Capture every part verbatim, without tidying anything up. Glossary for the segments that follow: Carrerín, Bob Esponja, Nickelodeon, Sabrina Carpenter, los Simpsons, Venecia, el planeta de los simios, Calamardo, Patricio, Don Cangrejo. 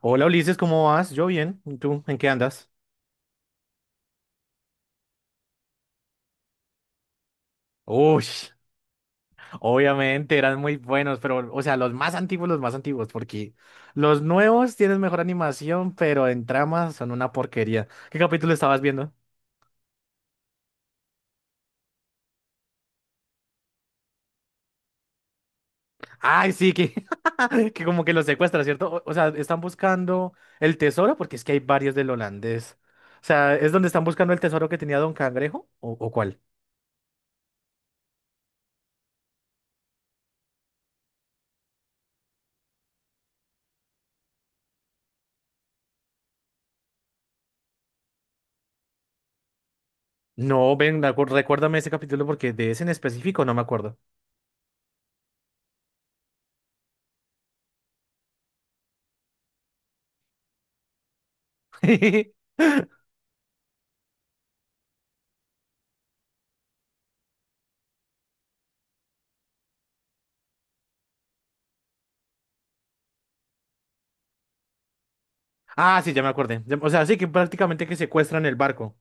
Hola Ulises, ¿cómo vas? Yo bien. ¿Y tú? ¿En qué andas? Uy, obviamente eran muy buenos, pero, o sea, los más antiguos, los más antiguos, porque los nuevos tienen mejor animación, pero en tramas son una porquería. ¿Qué capítulo estabas viendo? Ay, sí, que, que como que los secuestra, ¿cierto? O, o sea, están buscando el tesoro, porque es que hay varios del holandés. O sea, ¿es donde están buscando el tesoro que tenía Don Cangrejo? ¿O, o cuál? No, ven, acu- recuérdame ese capítulo porque de ese en específico no me acuerdo. Ah, sí, ya me acordé. Ya- O sea, sí que prácticamente que secuestran el barco.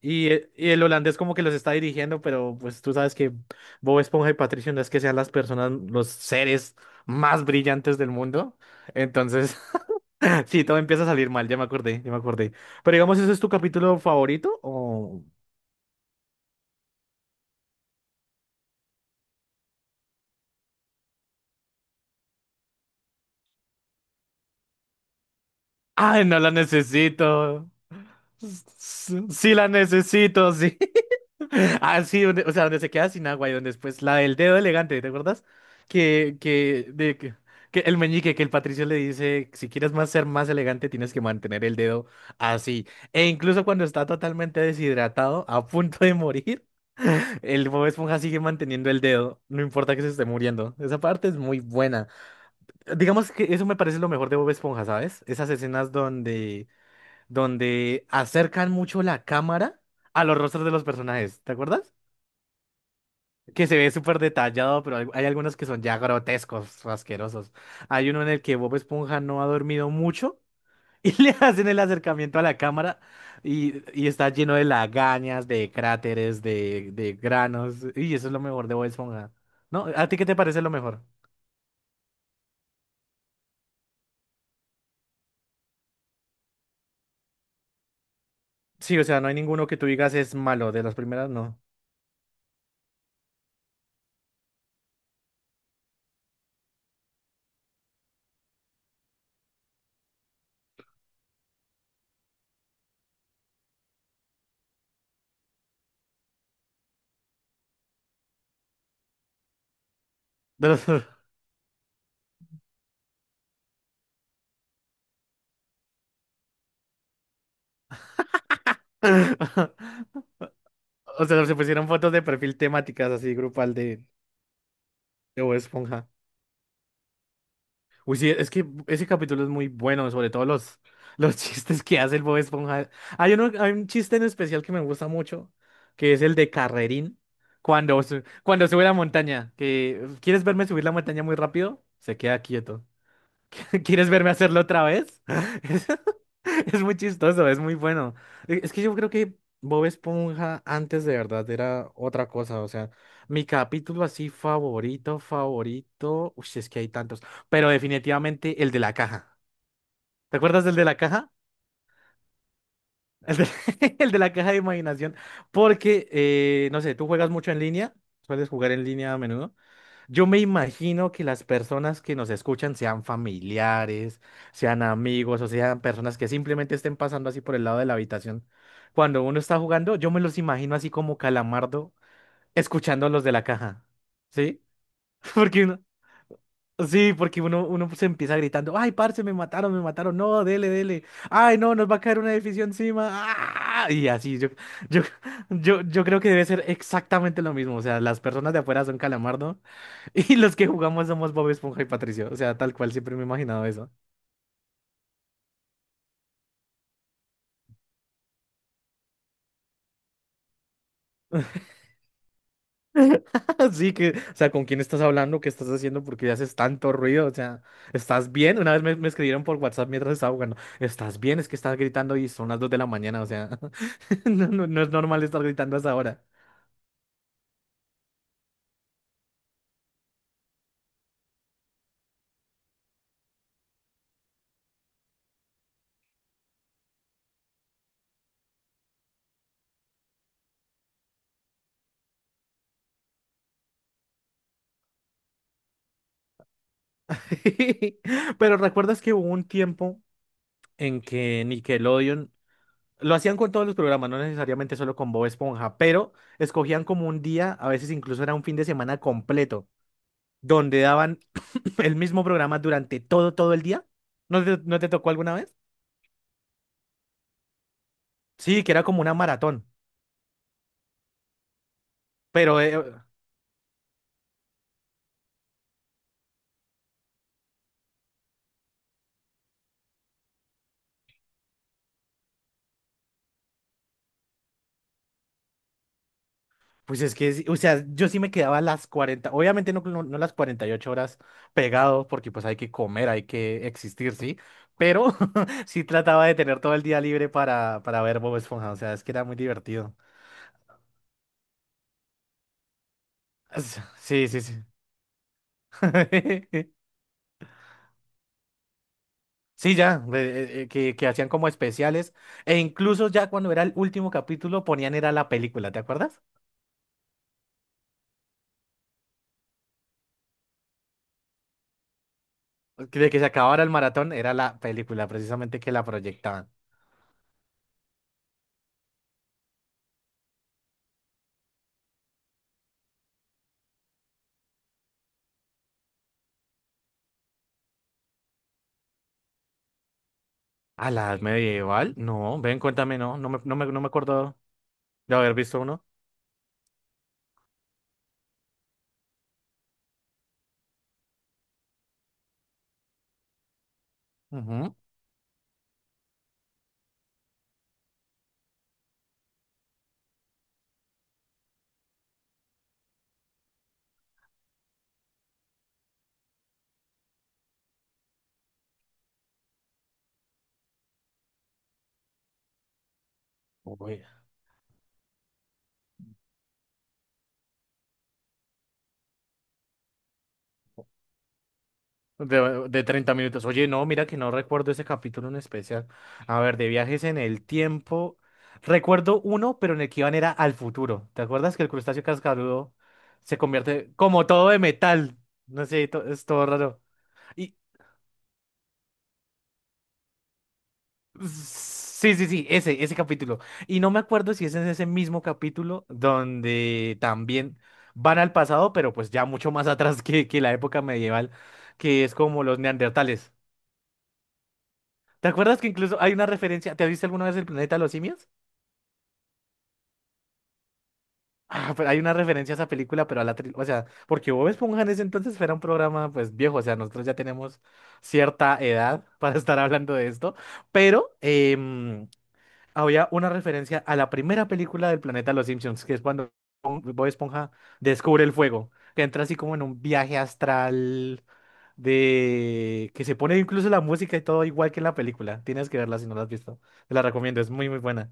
Y, eh, y el holandés como que los está dirigiendo, pero pues tú sabes que Bob Esponja y Patricio no es que sean las personas, los seres más brillantes del mundo. Entonces, sí, todo empieza a salir mal, ya me acordé, ya me acordé. Pero digamos, ¿ese es tu capítulo favorito? O... ¡Ay, no la necesito! S- Sí la necesito, sí. Ah, sí, donde- o sea, donde se queda sin agua y donde después la del dedo elegante, ¿te acuerdas? Que, que, de, que, que el meñique, que el Patricio le dice, si quieres más ser más elegante, tienes que mantener el dedo así. E incluso cuando está totalmente deshidratado, a punto de morir, el Bob Esponja sigue manteniendo el dedo, no importa que se esté muriendo. Esa parte es muy buena. Digamos que eso me parece lo mejor de Bob Esponja, ¿sabes? Esas escenas donde donde acercan mucho la cámara a los rostros de los personajes, ¿te acuerdas? Que se ve súper detallado, pero hay hay algunos que son ya grotescos, asquerosos. Hay uno en el que Bob Esponja no ha dormido mucho y le hacen el acercamiento a la cámara y, y está lleno de lagañas, de cráteres, de, de granos. Y eso es lo mejor de Bob Esponja. ¿No? ¿A ti qué te parece lo mejor? Sí, o sea, no hay ninguno que tú digas es malo. De las primeras, no. De los... O sea, se pusieron fotos de perfil temáticas así, grupal de, de Bob Esponja. Uy, sí, es que ese capítulo es muy bueno, sobre todo los, los chistes que hace el Bob Esponja. Hay uno, hay un chiste en especial que me gusta mucho, que es el de Carrerín, cuando, su- cuando sube la montaña, que ¿quieres verme subir la montaña muy rápido? Se queda quieto. ¿Quieres verme hacerlo otra vez? Es muy chistoso, es muy bueno. E- Es que yo creo que Bob Esponja antes de verdad era otra cosa. O sea, mi capítulo así favorito, favorito. Uy, es que hay tantos. Pero definitivamente el de la caja. ¿Te acuerdas del de la caja? El de, el de la caja de imaginación. Porque, eh, no sé, tú juegas mucho en línea. Sueles jugar en línea a menudo. Yo me imagino que las personas que nos escuchan sean familiares, sean amigos o sean personas que simplemente estén pasando así por el lado de la habitación. Cuando uno está jugando, yo me los imagino así como Calamardo escuchando a los de la caja. ¿Sí? Porque uno, sí, porque uno, uno se empieza gritando, ay, parce, me mataron, me mataron, no, dele, dele, ay, no, nos va a caer un edificio encima. ¡Ah! Y así, yo, yo, yo, yo creo que debe ser exactamente lo mismo. O sea, las personas de afuera son Calamardo. Y los que jugamos somos Bob Esponja y Patricio. O sea, tal cual siempre me he imaginado eso. Así que, o sea, ¿con quién estás hablando? ¿Qué estás haciendo? ¿Por qué haces tanto ruido? O sea, ¿estás bien? Una vez me, me escribieron por WhatsApp mientras estaba jugando. ¿Estás bien? Es que estás gritando y son las dos de la mañana. O sea, no, no, no es normal estar gritando a esa hora. Pero ¿recuerdas que hubo un tiempo en que Nickelodeon... Lo hacían con todos los programas, no necesariamente solo con Bob Esponja, pero escogían como un día, a veces incluso era un fin de semana completo donde daban el mismo programa durante todo, todo el día. ¿No te, no te tocó alguna vez? Sí, que era como una maratón, pero eh, pues es que, sí, o sea, yo sí me quedaba las cuarenta obviamente no, no, no las cuarenta y ocho horas pegado, porque pues hay que comer, hay que existir, ¿sí? Pero sí trataba de tener todo el día libre para, para ver Bob Esponja, o sea, es que era muy divertido. Es- Sí, sí, sí. Sí, ya, eh, eh, eh, que, que hacían como especiales, e incluso ya cuando era el último capítulo ponían era la película, ¿te acuerdas? De que se acabara el maratón era la película precisamente que la proyectaban. ¿A la edad medieval? No, ven, cuéntame, no, no me, no me, no me acuerdo de haber visto uno. Ujú. Uy, De, de treinta minutos. Oye, no, mira que no recuerdo ese capítulo en especial. A ver, de viajes en el tiempo. Recuerdo uno, pero en el que iban era al futuro. ¿Te acuerdas que el crustáceo cascarudo se convierte como todo de metal? No sé, to- es todo raro. Y, sí, sí, sí, ese, ese capítulo. Y no me acuerdo si es en ese mismo capítulo donde también van al pasado, pero pues ya mucho más atrás que, que la época medieval, que es como los neandertales. ¿Te acuerdas que incluso hay una referencia? ¿Te has visto alguna vez el planeta de los simios? Ah, pero hay una referencia a esa película, pero a la... tri- O sea, porque Bob Esponja en ese entonces era un programa pues viejo, o sea, nosotros ya tenemos cierta edad para estar hablando de esto, pero, em, había una referencia a la primera película del planeta Los Simpsons, que es cuando Bob Esponja descubre el fuego, que entra así como en un viaje astral de que se pone incluso la música y todo igual que en la película. Tienes que verla si no la has visto. Te la recomiendo, es muy muy buena.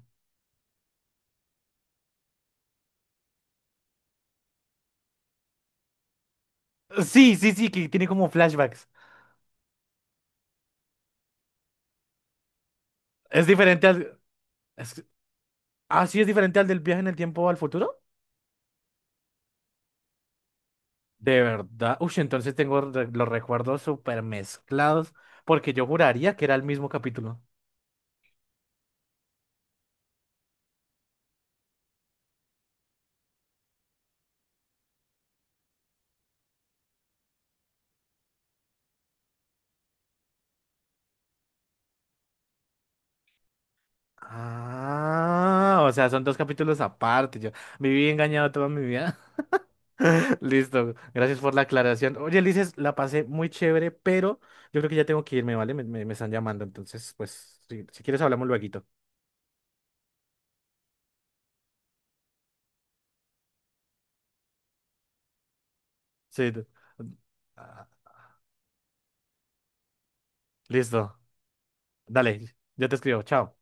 Sí, sí, sí, que tiene como flashbacks. Es diferente al es- Ah, sí, es diferente al del viaje en el tiempo al futuro. De verdad. Uy, entonces tengo re- los recuerdos súper mezclados porque yo juraría que era el mismo capítulo. Ah, o sea, son dos capítulos aparte. Yo viví engañado toda mi vida. Listo, gracias por la aclaración. Oye, Ulises, la pasé muy chévere, pero yo creo que ya tengo que irme, ¿vale? Me, me- me están llamando, entonces, pues, si, si quieres hablamos luego. Sí. t- Ah, listo, dale, ya te escribo, chao.